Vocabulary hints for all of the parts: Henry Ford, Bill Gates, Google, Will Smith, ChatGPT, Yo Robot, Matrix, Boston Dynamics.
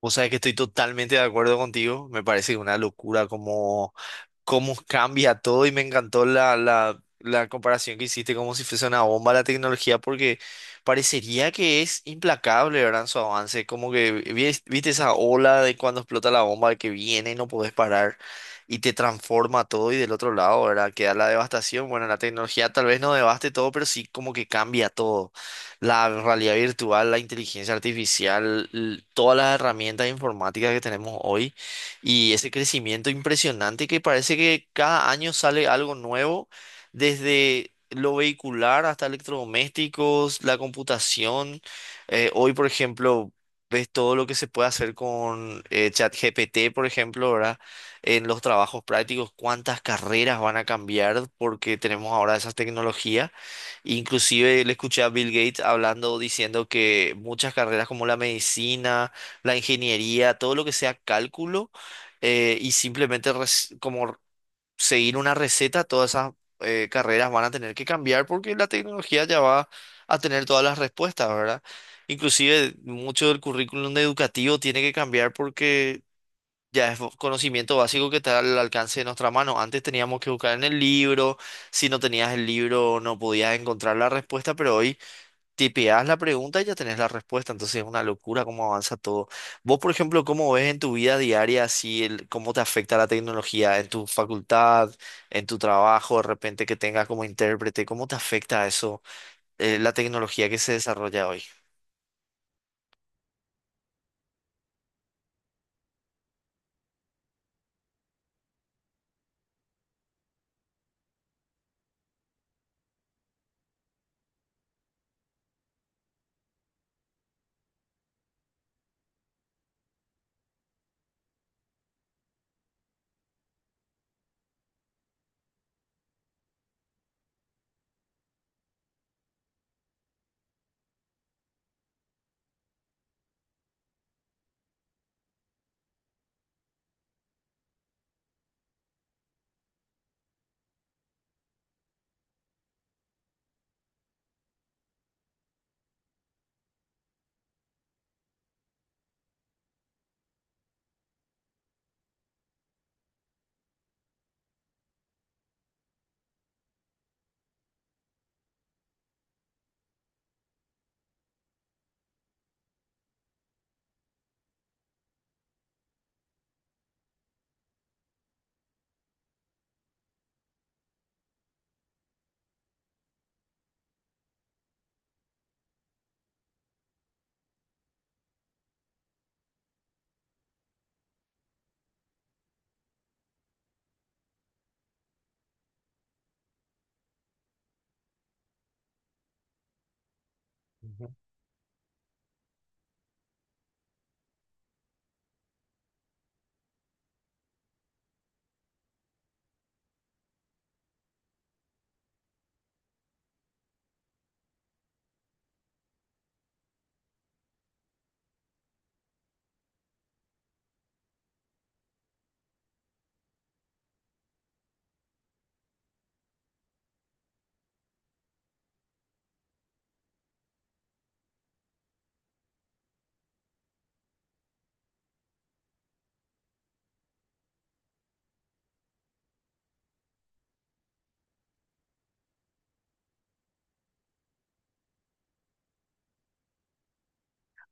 O sea, que estoy totalmente de acuerdo contigo. Me parece una locura como cómo cambia todo y me encantó la comparación que hiciste como si fuese una bomba la tecnología porque parecería que es implacable, ¿verdad? En su avance, como que viste esa ola de cuando explota la bomba que viene y no podés parar y te transforma todo y del otro lado, ¿verdad? Queda la devastación. Bueno, la tecnología tal vez no devaste todo, pero sí como que cambia todo. La realidad virtual, la inteligencia artificial, todas las herramientas informáticas que tenemos hoy y ese crecimiento impresionante que parece que cada año sale algo nuevo, desde lo vehicular hasta electrodomésticos, la computación. Hoy, por ejemplo, ves todo lo que se puede hacer con ChatGPT, por ejemplo, ¿verdad? En los trabajos prácticos, cuántas carreras van a cambiar porque tenemos ahora esas tecnologías. Inclusive le escuché a Bill Gates hablando, diciendo que muchas carreras como la medicina, la ingeniería, todo lo que sea cálculo, y simplemente como seguir una receta, todas esas carreras van a tener que cambiar porque la tecnología ya va a tener todas las respuestas, ¿verdad? Inclusive mucho del currículum educativo tiene que cambiar porque ya es conocimiento básico que está al alcance de nuestra mano. Antes teníamos que buscar en el libro, si no tenías el libro no podías encontrar la respuesta, pero hoy tipeás la pregunta y ya tenés la respuesta, entonces es una locura cómo avanza todo. Vos, por ejemplo, ¿cómo ves en tu vida diaria si el, cómo te afecta la tecnología en tu facultad, en tu trabajo, de repente que tengas como intérprete, cómo te afecta eso, la tecnología que se desarrolla hoy?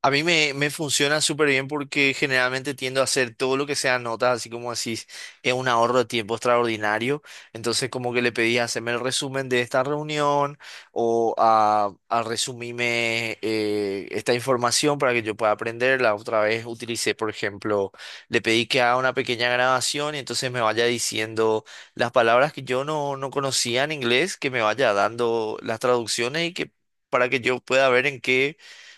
A mí me funciona súper bien porque generalmente tiendo a hacer todo lo que sea notas, así como decís, es un ahorro de tiempo extraordinario. Entonces, como que le pedí hacerme el resumen de esta reunión o a resumirme esta información para que yo pueda aprenderla. Otra vez utilicé, por ejemplo, le pedí que haga una pequeña grabación y entonces me vaya diciendo las palabras que yo no conocía en inglés, que me vaya dando las traducciones y que para que yo pueda ver en qué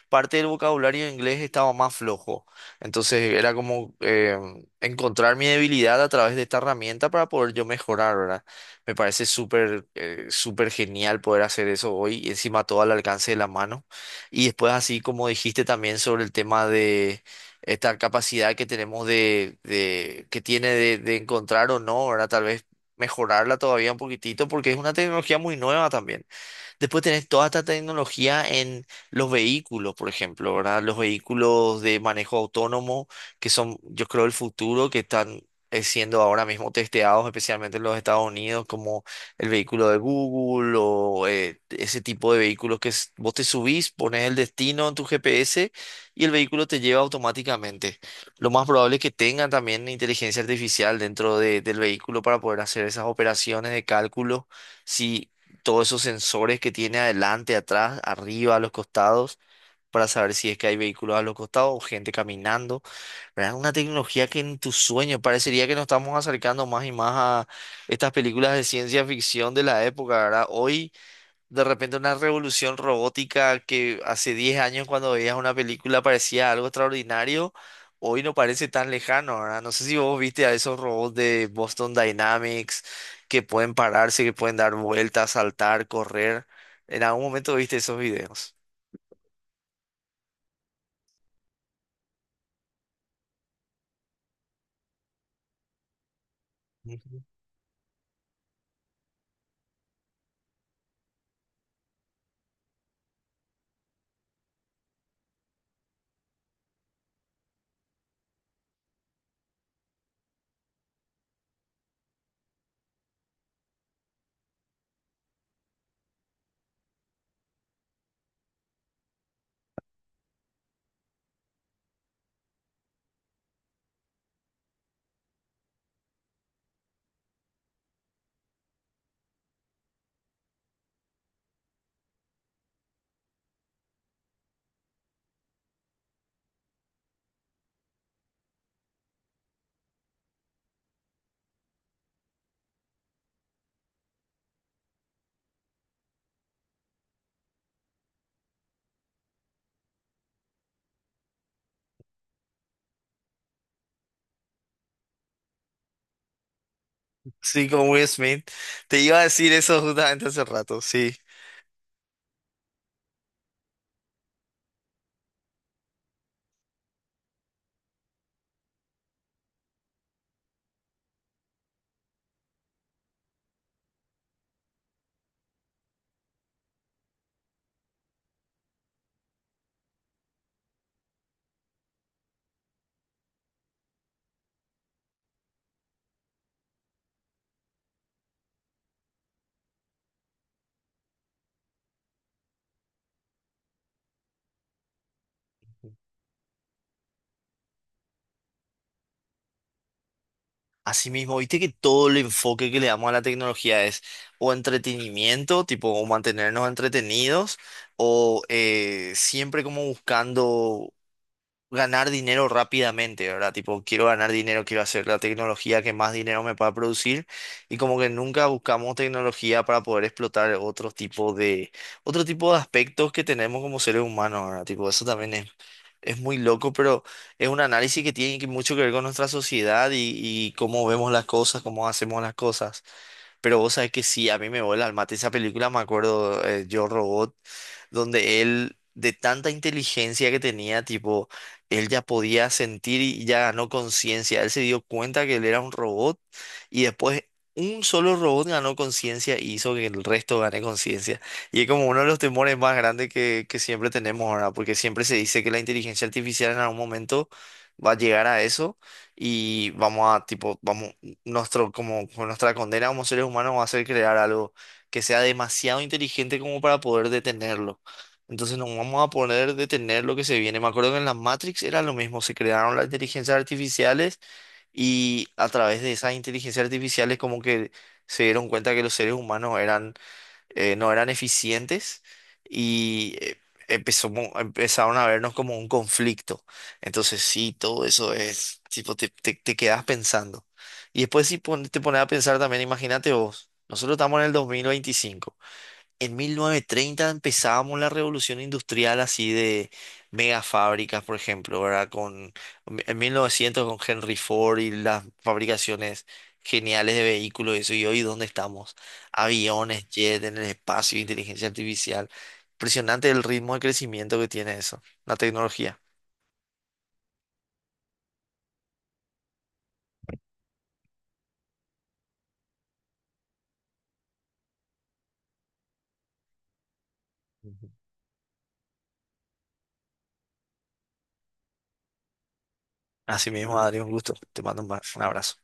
parte del vocabulario en inglés estaba más flojo. Entonces era como encontrar mi debilidad a través de esta herramienta para poder yo mejorar, ¿verdad? Me parece súper, súper genial poder hacer eso hoy y encima todo al alcance de la mano. Y después así como dijiste también sobre el tema de esta capacidad que tenemos de que tiene de encontrar o no, ¿verdad? Tal vez mejorarla todavía un poquitito porque es una tecnología muy nueva también. Después tenés toda esta tecnología en los vehículos, por ejemplo, ¿verdad? Los vehículos de manejo autónomo, que son, yo creo, el futuro, que están siendo ahora mismo testeados, especialmente en los Estados Unidos, como el vehículo de Google o ese tipo de vehículos que vos te subís, pones el destino en tu GPS y el vehículo te lleva automáticamente. Lo más probable es que tengan también inteligencia artificial dentro del vehículo para poder hacer esas operaciones de cálculo si todos esos sensores que tiene adelante, atrás, arriba, a los costados, para saber si es que hay vehículos a los costados o gente caminando. ¿Verdad? Una tecnología que en tus sueños parecería que nos estamos acercando más y más a estas películas de ciencia ficción de la época, ¿verdad? Hoy de repente una revolución robótica que hace 10 años cuando veías una película parecía algo extraordinario, hoy no parece tan lejano, ¿verdad? No sé si vos viste a esos robots de Boston Dynamics que pueden pararse, que pueden dar vueltas, saltar, correr. En algún momento viste esos videos. Ujú. Sí, con Will Smith. Te iba a decir eso justamente hace rato, sí. Asimismo, viste que todo el enfoque que le damos a la tecnología es o entretenimiento, tipo o mantenernos entretenidos, o siempre como buscando ganar dinero rápidamente, ¿verdad? Tipo, quiero ganar dinero, quiero hacer la tecnología que más dinero me pueda producir, y como que nunca buscamos tecnología para poder explotar otro tipo de aspectos que tenemos como seres humanos, ¿verdad? Tipo, eso también es muy loco, pero es un análisis que tiene que mucho que ver con nuestra sociedad y cómo vemos las cosas, cómo hacemos las cosas. Pero vos sabés que sí, a mí me vuela al mate esa película, me acuerdo, Yo Robot, donde él, de tanta inteligencia que tenía, tipo, él ya podía sentir y ya ganó conciencia. Él se dio cuenta que él era un robot y después un solo robot ganó conciencia y hizo que el resto gane conciencia. Y es como uno de los temores más grandes que siempre tenemos ahora, porque siempre se dice que la inteligencia artificial en algún momento va a llegar a eso y vamos a, tipo, vamos nuestro, como nuestra condena como seres humanos va a ser crear algo que sea demasiado inteligente como para poder detenerlo. Entonces no vamos a poder detener lo que se viene. Me acuerdo que en la Matrix era lo mismo, se crearon las inteligencias artificiales y a través de esas inteligencias artificiales como que se dieron cuenta que los seres humanos eran no eran eficientes y empezaron a vernos como un conflicto. Entonces sí, todo eso es, tipo, te quedas pensando. Y después si te pones a pensar también, imagínate vos, nosotros estamos en el 2025. En 1930 empezábamos la revolución industrial así de mega fábricas, por ejemplo, ¿verdad? En 1900 con Henry Ford y las fabricaciones geniales de vehículos y eso. Y hoy, ¿dónde estamos? Aviones, jet en el espacio, inteligencia artificial. Impresionante el ritmo de crecimiento que tiene eso, la tecnología. Ujú. Así mismo, Adri, un gusto. Te mando un abrazo.